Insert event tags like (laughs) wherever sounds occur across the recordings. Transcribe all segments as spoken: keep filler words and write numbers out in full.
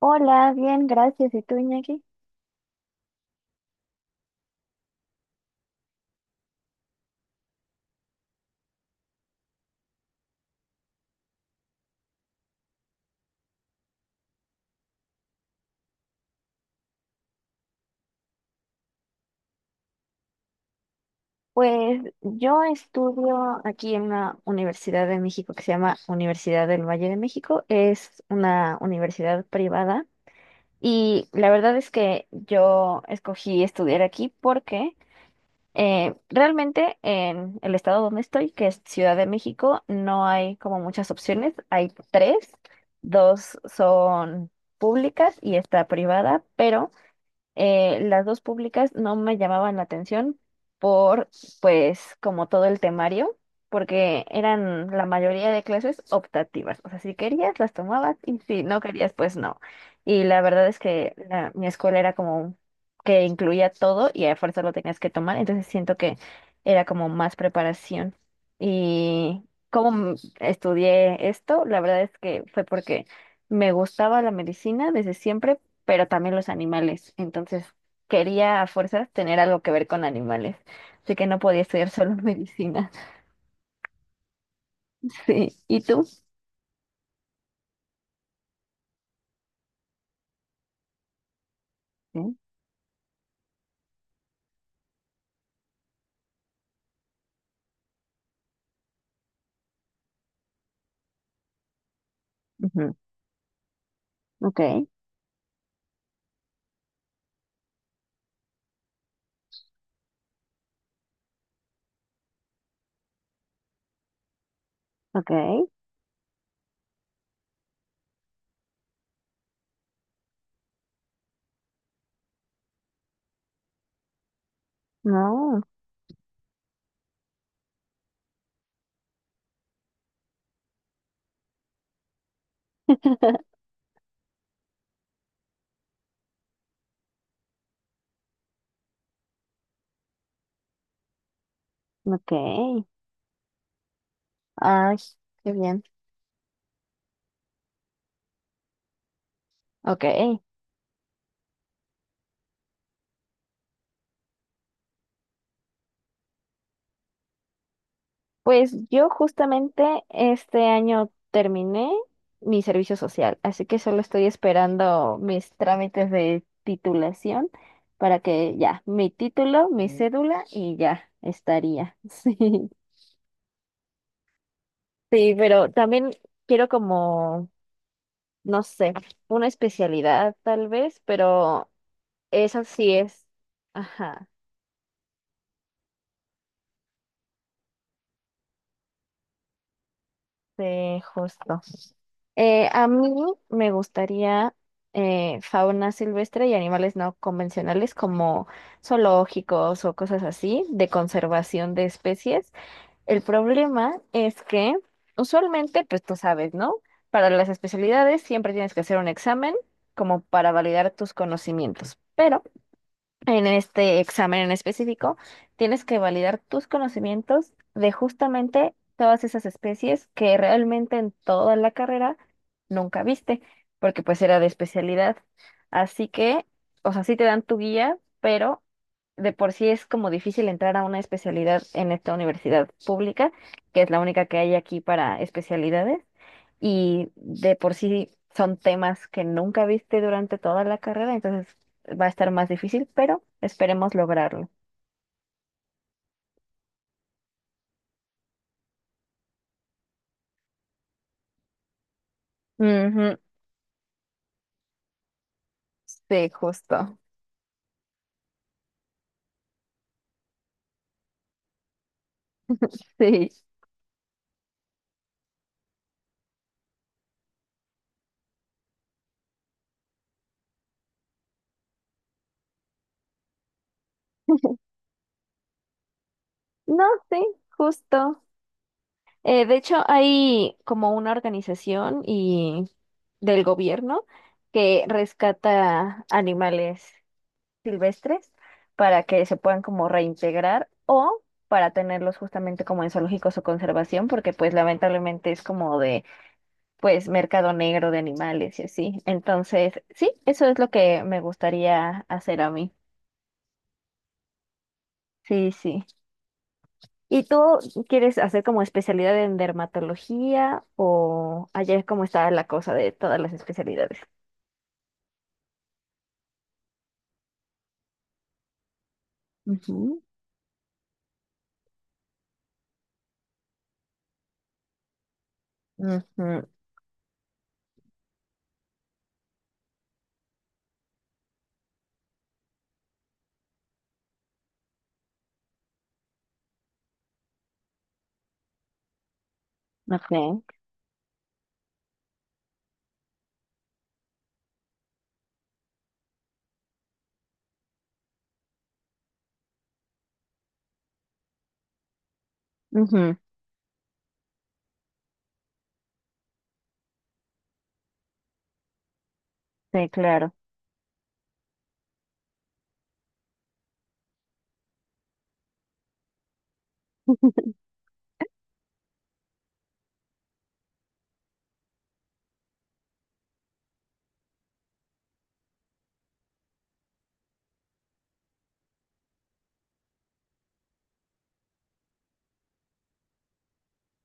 Hola, bien, gracias. ¿Y tú, Iñaki? Pues yo estudio aquí en una universidad de México que se llama Universidad del Valle de México. Es una universidad privada y la verdad es que yo escogí estudiar aquí porque eh, realmente en el estado donde estoy, que es Ciudad de México, no hay como muchas opciones. Hay tres, dos son públicas y está privada, pero... Eh, las dos públicas no me llamaban la atención por, pues, como todo el temario, porque eran la mayoría de clases optativas. O sea, si querías, las tomabas y si no querías, pues no. Y la verdad es que la- mi escuela era como que incluía todo y a fuerza lo tenías que tomar, entonces siento que era como más preparación. Y cómo m- estudié esto, la verdad es que fue porque me gustaba la medicina desde siempre, pero también los animales. Entonces, quería a fuerzas tener algo que ver con animales. Así que no podía estudiar solo (laughs) medicina. Sí. ¿Y tú? Sí. Ujú. Ok, ok. No, (laughs) ok. Ay, qué bien. Ok. Pues yo justamente este año terminé mi servicio social, así que solo estoy esperando mis trámites de titulación para que ya, mi título, mi Mm. cédula y ya estaría. (laughs) Sí. Sí, pero también quiero como, no sé, una especialidad tal vez, pero eso sí es, ajá, sí, justo. Eh, a mí me gustaría eh, fauna silvestre y animales no convencionales como zoológicos o cosas así, de conservación de especies. El problema es que usualmente, pues tú sabes, ¿no? Para las especialidades siempre tienes que hacer un examen como para validar tus conocimientos, pero... En este examen en específico, tienes que validar tus conocimientos de justamente todas esas especies que realmente en toda la carrera nunca viste, porque pues era de especialidad. Así que, o sea, sí te dan tu guía, pero de por sí es como difícil entrar a una especialidad en esta universidad pública, que es la única que hay aquí para especialidades y de por sí son temas que nunca viste durante toda la carrera, entonces va a estar más difícil, pero esperemos lograrlo. Ujú. Sí, justo. Sí. No, sí, justo. Eh, de hecho, hay como una organización y del gobierno que rescata animales. Silvestres para que se puedan como reintegrar o para tenerlos justamente como en zoológicos o conservación, porque pues lamentablemente es como de pues mercado negro de animales y así. Entonces, sí, eso es lo que me gustaría hacer a mí. Sí, sí. ¿Y tú quieres hacer como especialidad en dermatología o ayer cómo estaba la cosa de todas las especialidades? Ujú, ujú, ok, ujú. Sí, claro. (laughs)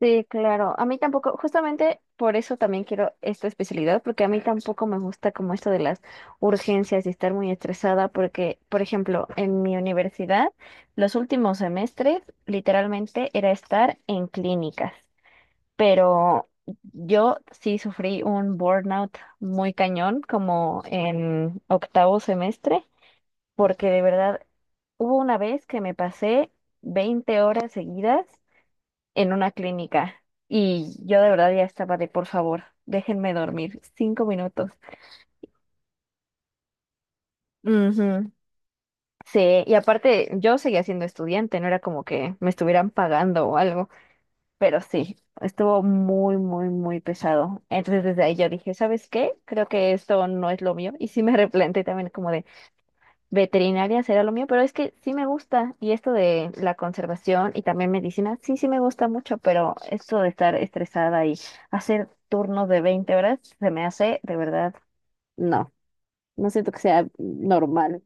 Sí, claro. A mí tampoco, justamente por eso también quiero esta especialidad, porque a mí tampoco me gusta como esto de las urgencias y estar muy estresada, porque, por ejemplo, en mi universidad, los últimos semestres literalmente era estar en clínicas, pero yo sí sufrí un burnout muy cañón, como en octavo semestre, porque de verdad hubo una vez que me pasé veinte horas seguidas en una clínica. Y yo de verdad ya estaba de, por favor, déjenme dormir cinco minutos. Ujú. Sí, y aparte yo seguía siendo estudiante, no era como que me estuvieran pagando o algo, pero sí, estuvo muy, muy, muy pesado. Entonces desde ahí yo dije, ¿sabes qué? Creo que esto no es lo mío. Y sí me (laughs) replanteé también como de... Veterinaria será lo mío, pero es que sí me gusta y esto de la conservación y también medicina, sí, sí me gusta mucho, pero esto de estar estresada y hacer turnos de veinte horas se me hace de verdad, no, no siento que sea normal.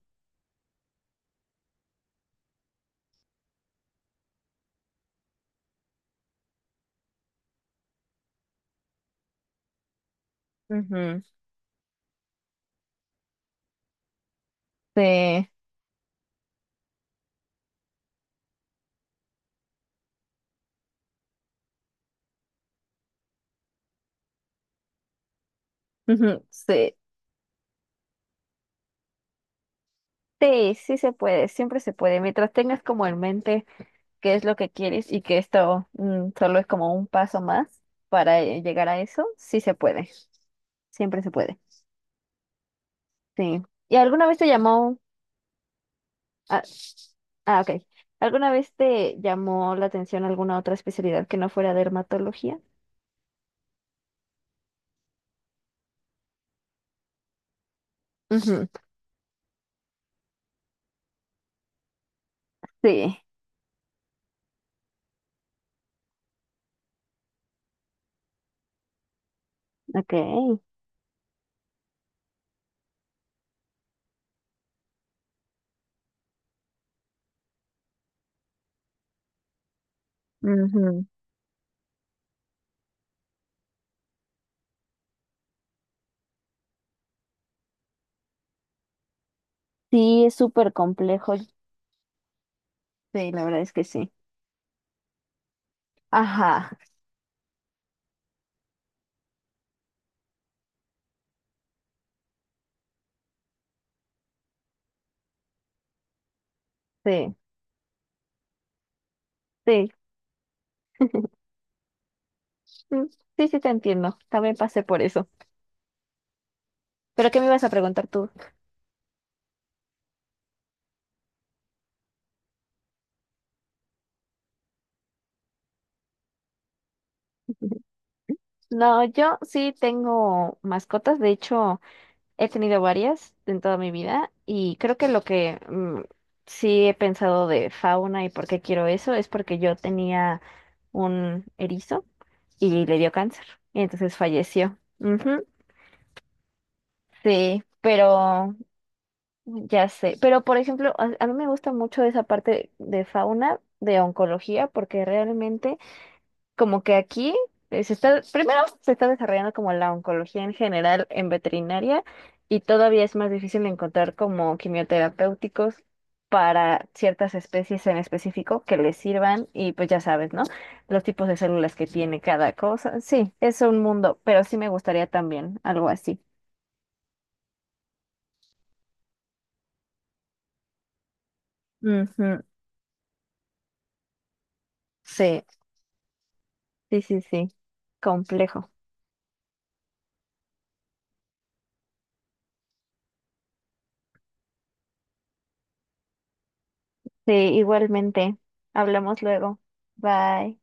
Ujú. Sí, ujú, sí, sí, sí se puede, siempre se puede, mientras tengas como en mente qué es lo que quieres y que esto mm, solo es como un paso más para eh, llegar a eso, sí se puede, siempre se puede, sí. ¿Y alguna vez te llamó? Ah, ok. ¿Alguna vez te llamó la atención alguna otra especialidad que no fuera dermatología? Ujú. Sí, ok. Ujú. Sí, es súper complejo. Sí, la verdad es que sí. Ajá, sí, sí. Mm. Sí, sí, te entiendo. También pasé por eso. ¿Pero qué me ibas a preguntar tú? (laughs) No, yo sí tengo mascotas. De hecho, he tenido varias en toda mi vida y creo que lo que mm, sí he pensado de fauna y por qué quiero eso es porque yo tenía un erizo y le dio cáncer y entonces falleció. Ujú, sí, pero ya sé. Pero por ejemplo, a, a mí me gusta mucho esa parte de fauna, de oncología, porque realmente como que aquí eh, se está, primero se está desarrollando como la oncología en general en veterinaria y todavía es más difícil encontrar como quimioterapéuticos para ciertas especies en específico que les sirvan y pues ya sabes, ¿no? Los tipos de células que tiene cada cosa. Sí, es un mundo, pero sí me gustaría también algo así. Ujú. Sí, sí, sí, sí. Complejo. Sí, igualmente. Hablamos luego. Bye.